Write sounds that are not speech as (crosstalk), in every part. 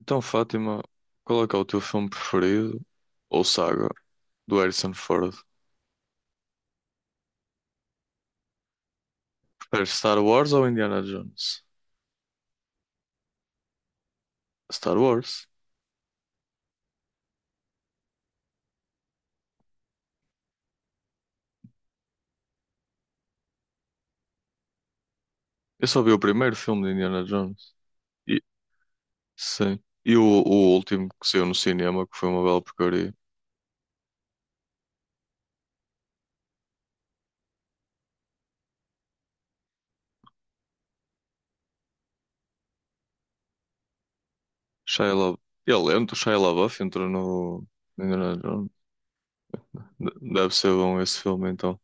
Então, Fátima, qual é que é o teu filme preferido ou saga do Harrison Ford? Preferes Star Wars ou Indiana Jones? Star Wars. Eu só vi o primeiro filme de Indiana Jones. E, sim. E o último que saiu no cinema, que foi uma bela porcaria. Shia La... Ele entra, o Shia LaBeouf entrou no Indiana Jones. Deve ser bom esse filme, então.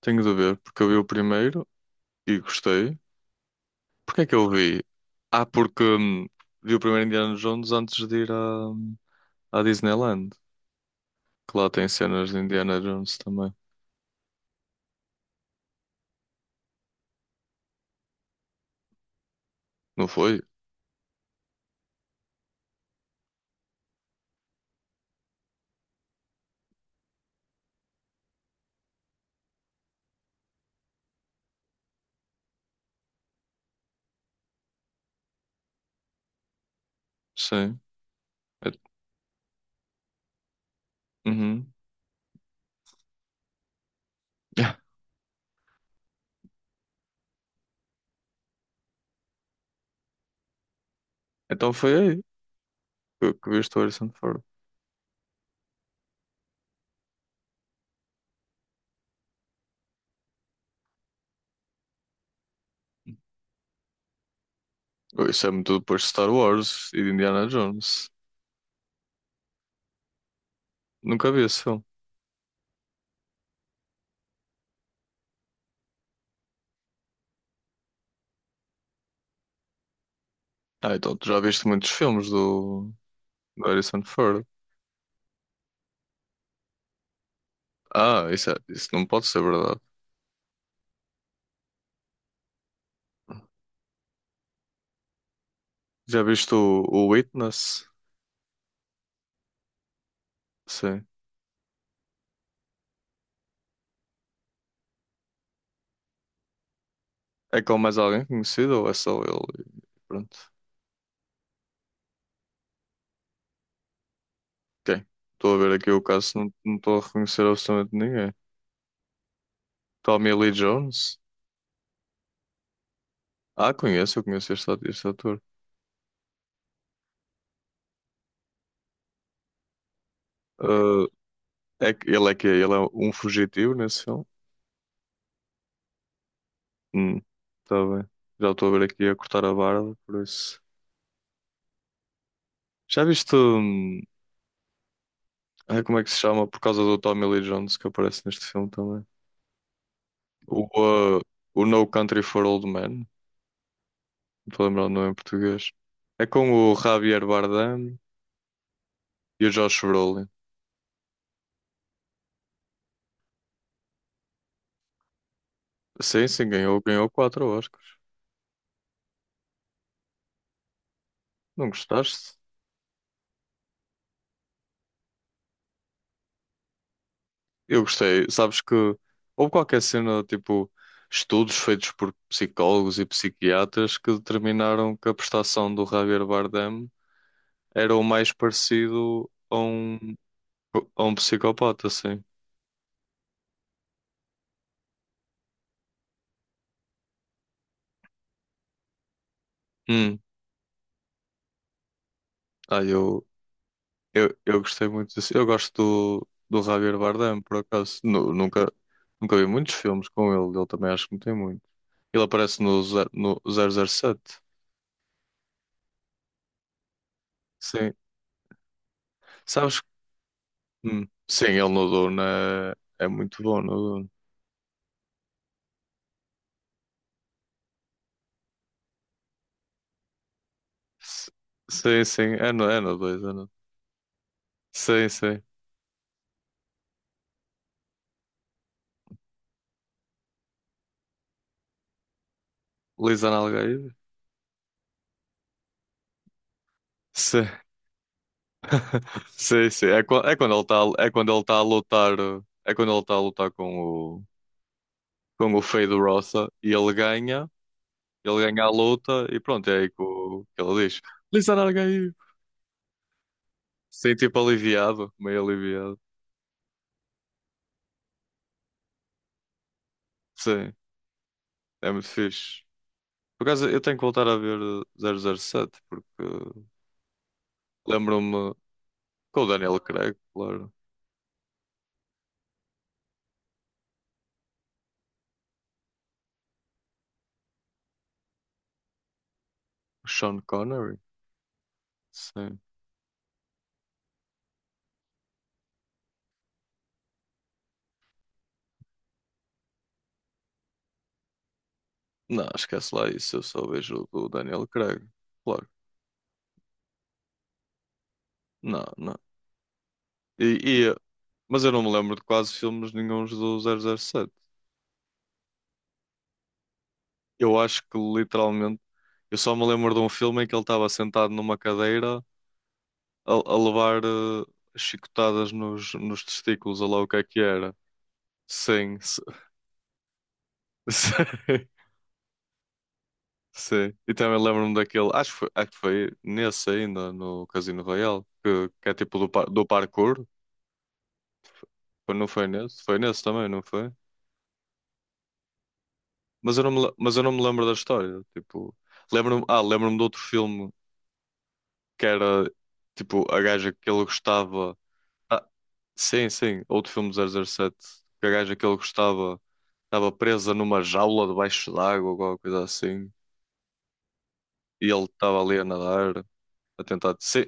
Tenho de ver, porque eu vi o primeiro e gostei. Porquê é que eu vi? Ah, porque vi o primeiro Indiana Jones antes de ir a à Disneyland, que lá tem cenas de Indiana Jones também. Não foi? Sim. É- Uhum. (laughs) Yeah. Então foi aí que, viste o Harrison Ford. Oh, isso é muito depois de Star Wars e de Indiana Jones. Nunca vi esse filme. Ah, então tu já viste muitos filmes do, do Harrison Ford. Ah, isso, isso não pode ser verdade. Já viste o Witness? Sim. É com mais alguém conhecido ou é só ele? Pronto. Ok. Estou a ver aqui o caso, não estou a reconhecer absolutamente ninguém. Tommy Lee Jones? Ah, conheço, eu conheço este, este ator. Ah, é, ele é um fugitivo nesse filme? Hum, tá bem. Já estou a ver aqui a cortar a barba, por isso. Já viste, ai, como é que se chama? Por causa do Tommy Lee Jones que aparece neste filme também. O, ah, o No Country for Old Men. Não estou a lembrar o nome em português. É com o Javier Bardem e o Josh Brolin. Sim, sim, ganhou, ganhou quatro Oscars. Não gostaste? Eu gostei, sabes que houve qualquer cena, tipo, estudos feitos por psicólogos e psiquiatras que determinaram que a prestação do Javier Bardem era o mais parecido a um psicopata, assim. Hum. Ah, eu gostei muito disso. Eu gosto do, do Javier Bardem, por acaso. Nunca vi muitos filmes com ele, ele também acho que não tem muito. Ele aparece no, no 007. Sim. Sabes. Hum. Sim, ele no Duna é, é muito bom no Duna. S- Sim, sim, é no 2 é no... Sim, sim. Lisa Nalgaide? Sim. (laughs) Sim, sim. É, é quando ele está é quando ele tá a lutar, é quando ele está a lutar com o Fade Roça e ele ganha a luta e pronto, é aí que, que ele diz. Lisa Nalgaide. Sim, tipo aliviado, meio aliviado. Sim, é muito fixe. Por acaso eu tenho que voltar a ver 007, porque lembro-me. Com o Daniel Craig, claro. O Sean Connery? Sim. Não, esquece lá isso. Eu só vejo o do Daniel Craig. Claro. Não, não. E, e- mas eu não me lembro de quase filmes nenhuns do 007. Eu acho que literalmente eu só me lembro de um filme em que ele estava sentado numa cadeira a levar chicotadas nos, nos testículos, ou lá o que é que era. Sim. (laughs) Sim. Sim. E também lembro-me daquele, acho que foi nesse ainda, no Casino Royale, que é tipo do, do parkour. Não foi nesse? Foi nesse também, não foi? Mas eu não me lembro da história. Tipo, lembro-me, ah, lembro-me de outro filme que era tipo a gaja que ele gostava. Ah, sim, sim, outro filme do 007. Que a gaja que ele gostava estava presa numa jaula debaixo d'água ou alguma coisa assim. E ele estava ali a nadar, a tentar. Sim,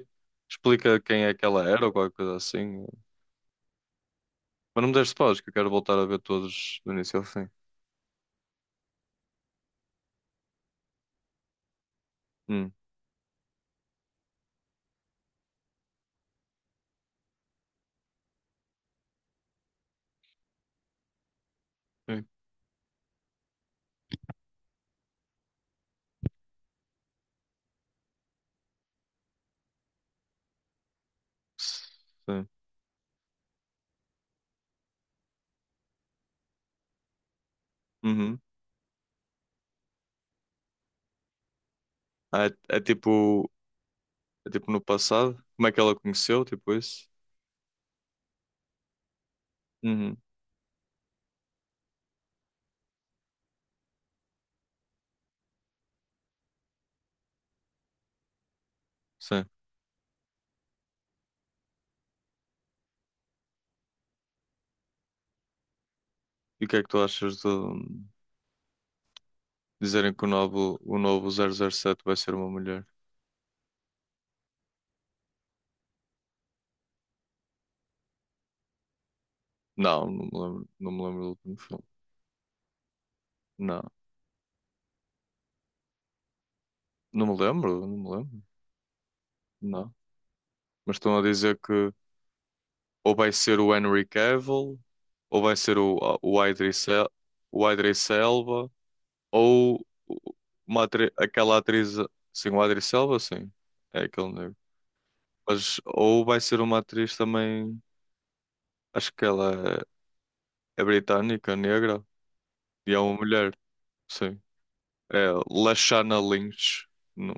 explica quem é que ela era ou qualquer coisa assim. Mas não me deste pausas, que eu quero voltar a ver todos do início ao fim. Hum. Sim. Sim. Uhum. Ah, é, é tipo. É tipo no passado. Como é que ela conheceu? Tipo isso? Uhum. Sim. E o que é que tu achas de dizerem que o novo 007 vai ser uma mulher? Não, não me lembro, não me lembro do último filme. Não. Não me lembro, não me lembro. Não. Mas estão a dizer que ou vai ser o Henry Cavill, ou vai ser o, o Idris El- o Idris Elba. Ou aquela atriz, sim, o Adri Selva, sim, é aquele negro. Mas, ou vai ser uma atriz também, acho que ela é, é britânica, negra, e é uma mulher, sim. É Lashana Lynch, não,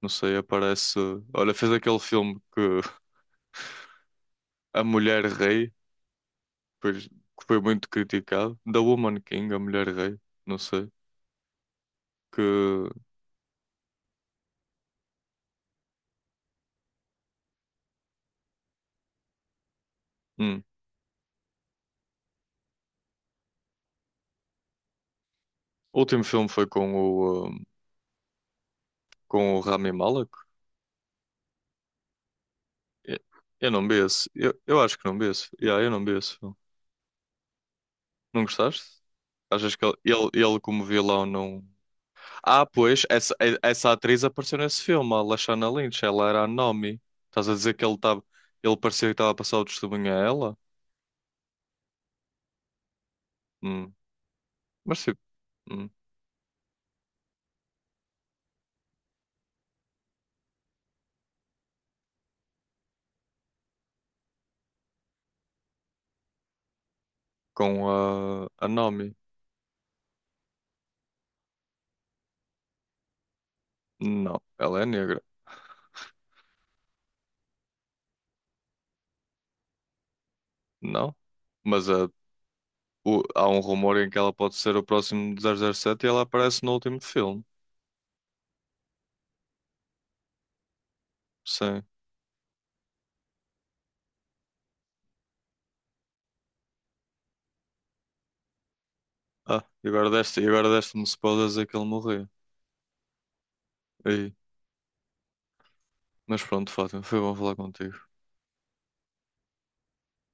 não sei, aparece. Olha, fez aquele filme que (laughs) A Mulher Rei, pois, que foi muito criticado, The Woman King, A Mulher Rei, não sei, que. Hum, o último filme foi com o Rami Malek. Eu eu não mereço. Eu acho que não mereço. Yeah, eu não mereço. Não gostaste? Achas que ele como vilão não. Ah, pois, essa, essa atriz apareceu nesse filme, a Lashana Lynch. Ela era a Naomi. Estás a dizer que ele estava. Ele parecia que estava a passar o testemunho a ela? Hum. Mas tipo, hum. Com a Naomi. Não, ela é negra. Não. Mas a, há um rumor em que ela pode ser o próximo 007 e ela aparece no último filme. Sim. Ah, e agora deste, e agora deste-me spoilers a que ele morreu. Aí. Mas pronto, Fátima, foi bom falar contigo.